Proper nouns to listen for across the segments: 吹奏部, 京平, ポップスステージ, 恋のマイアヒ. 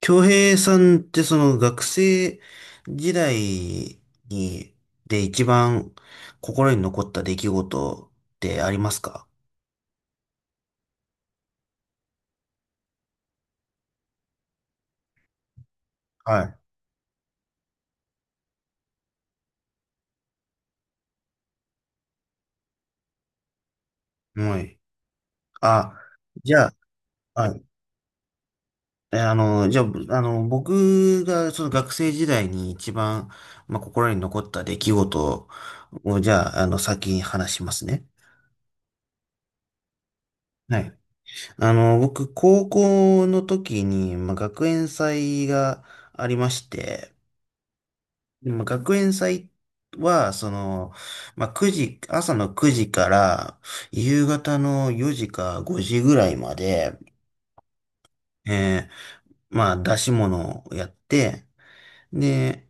京平さんってその学生時代に、で一番心に残った出来事ってありますか？はい。はい。あ、じゃあ、はい。えあの、じゃあ、僕がその学生時代に一番、まあ、心に残った出来事を、じゃあ、先に話しますね。はい。僕、高校の時に、まあ、学園祭がありまして、でも学園祭は、まあ、9時、朝の9時から夕方の4時か5時ぐらいまで、えーまあ、出し物をやって、で、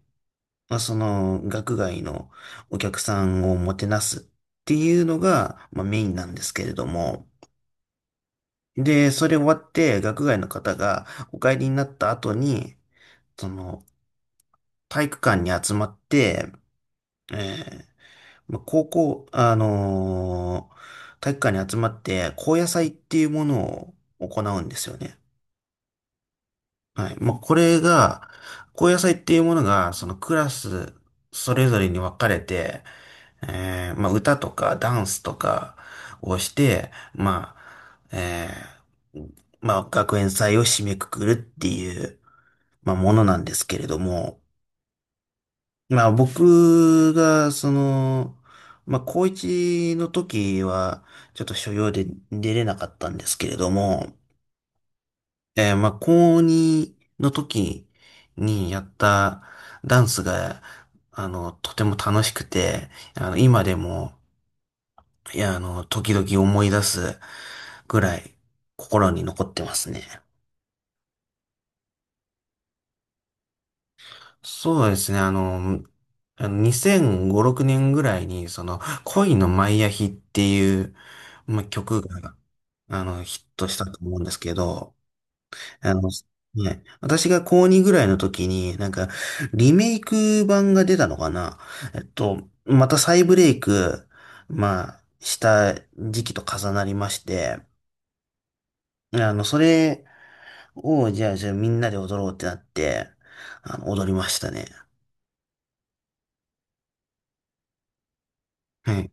まあ、学外のお客さんをもてなすっていうのが、まあ、メインなんですけれども、で、それ終わって、学外の方がお帰りになった後に、その、体育館に集まって、えーまあ、高校、体育館に集まって、高野祭っていうものを行うんですよね。はい。まあ、これが、高野祭っていうものが、そのクラス、それぞれに分かれて、まあ、歌とかダンスとかをして、まあ、ー、まあ、学園祭を締めくくるっていう、まあ、ものなんですけれども、まあ僕が、まあ高一の時は、ちょっと所用で出れなかったんですけれども、まあ高二の時にやったダンスが、とても楽しくて、今でも、いや、時々思い出すぐらい心に残ってますね。そうですね。あの2005、6年ぐらいに、恋のマイアヒっていう、まあ、曲が、ヒットしたと思うんですけど、あの、ね、私が高2ぐらいの時に、なんか、リメイク版が出たのかな。また再ブレイク、まあ、した時期と重なりまして、それを、じゃあみんなで踊ろうってなって、踊りましたね。はい。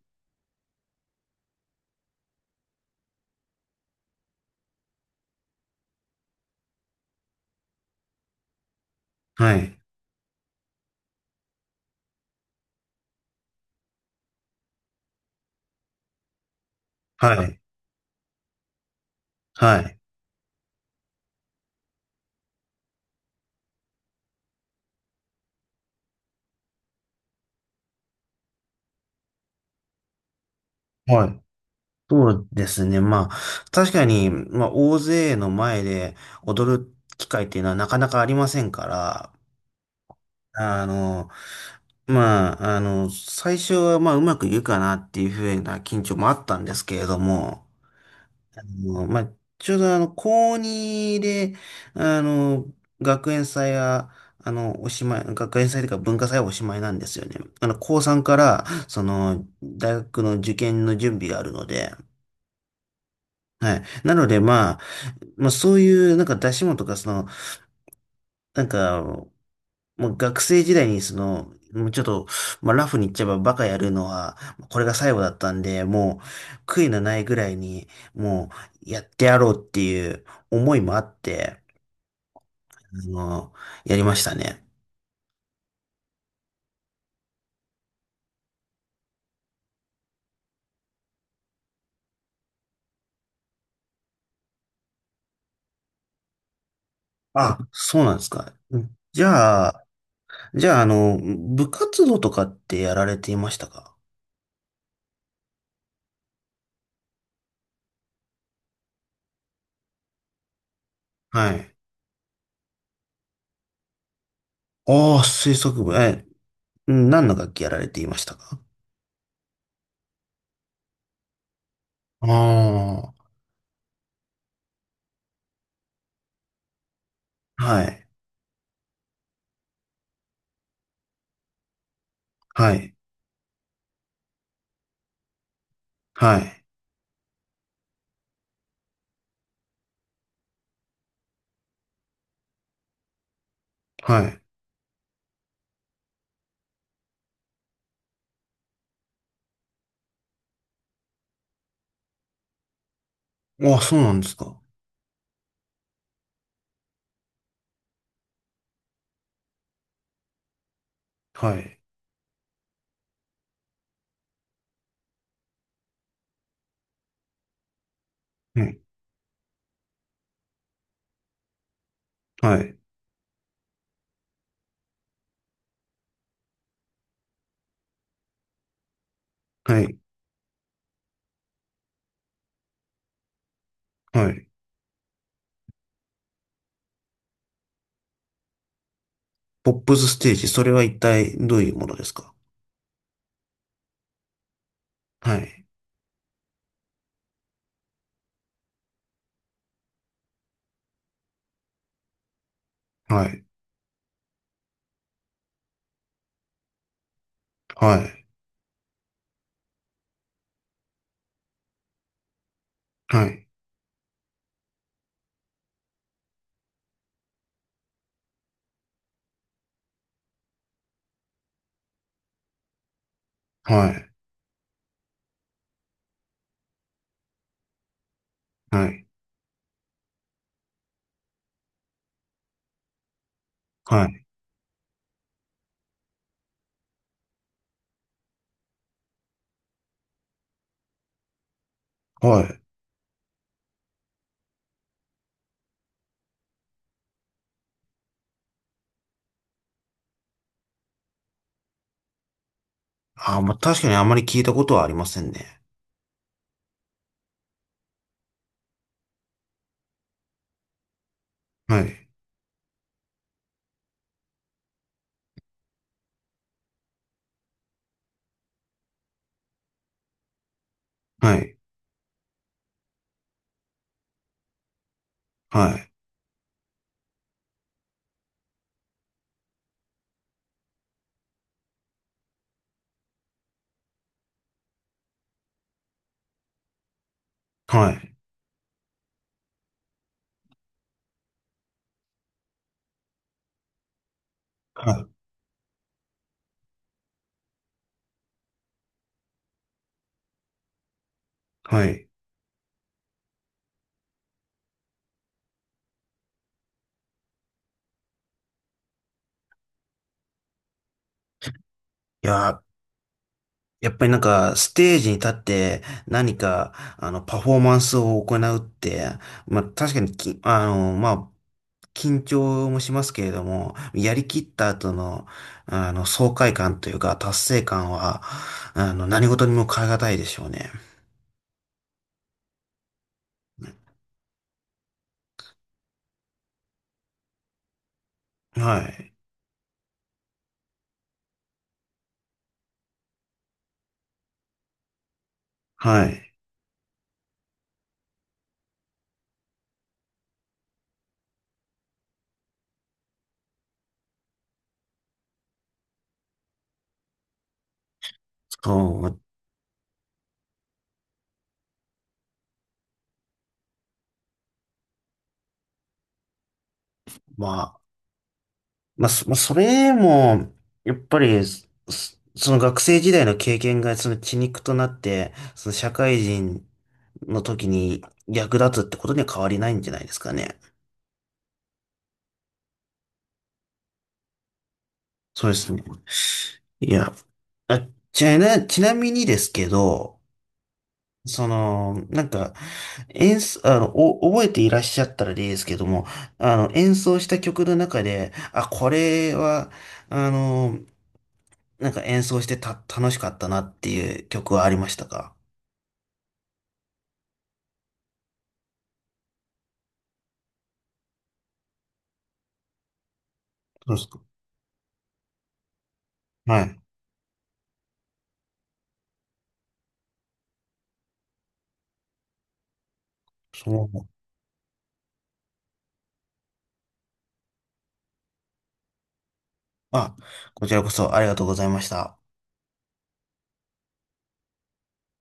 はい。はい。はい。はい。そうですね。まあ、確かに、まあ、大勢の前で踊る機会っていうのはなかなかありませんから、あの、まあ、最初は、まあ、うまくいくかなっていうふうな緊張もあったんですけれども、もうまあ、ちょうど高2で、あの、学園祭は、おしまい、学園祭というか文化祭はおしまいなんですよね。高3から、大学の受験の準備があるので、はい。なので、まあ、そういう、なんか出し物とか、なんか、もう学生時代にもうちょっと、まあ、ラフに言っちゃえばバカやるのは、これが最後だったんで、もう悔いのないぐらいに、もうやってやろうっていう思いもあって、あの、やりましたね。あ、そうなんですか。じゃあ、じゃあ、部活動とかってやられていましたか？はい。ああ、吹奏部、うん何の楽器やられていましたか？ああー、はい、はい、はい、はい。ああ、そうなんですか。はい。うん。はい。はい。はい。ポップスステージ、それは一体どういうものですか？はい。はい。はい。はい。はい。はい。はい。はい。ああ、まあ、確かにあまり聞いたことはありませんね。はい。はい。はい。はい。はい。はい。いやー、やっぱりなんか、ステージに立って何か、パフォーマンスを行うって、まあ、確かにき、あの、まあ、緊張もしますけれども、やりきった後の、爽快感というか、達成感は、何事にも代え難いでしょうね。はい。はい。そう、まあ、まあ、まあそれも、やっぱり、その学生時代の経験がその血肉となって、その社会人の時に役立つってことには変わりないんじゃないですかね。そうですね。いや、あ、ちなみにですけど、なんか、演奏、覚えていらっしゃったらですけども、演奏した曲の中で、あ、これは、あの、なんか演奏してた、楽しかったなっていう曲はありましたか？そうですか。はい。そう。あ、こちらこそありがとうございました。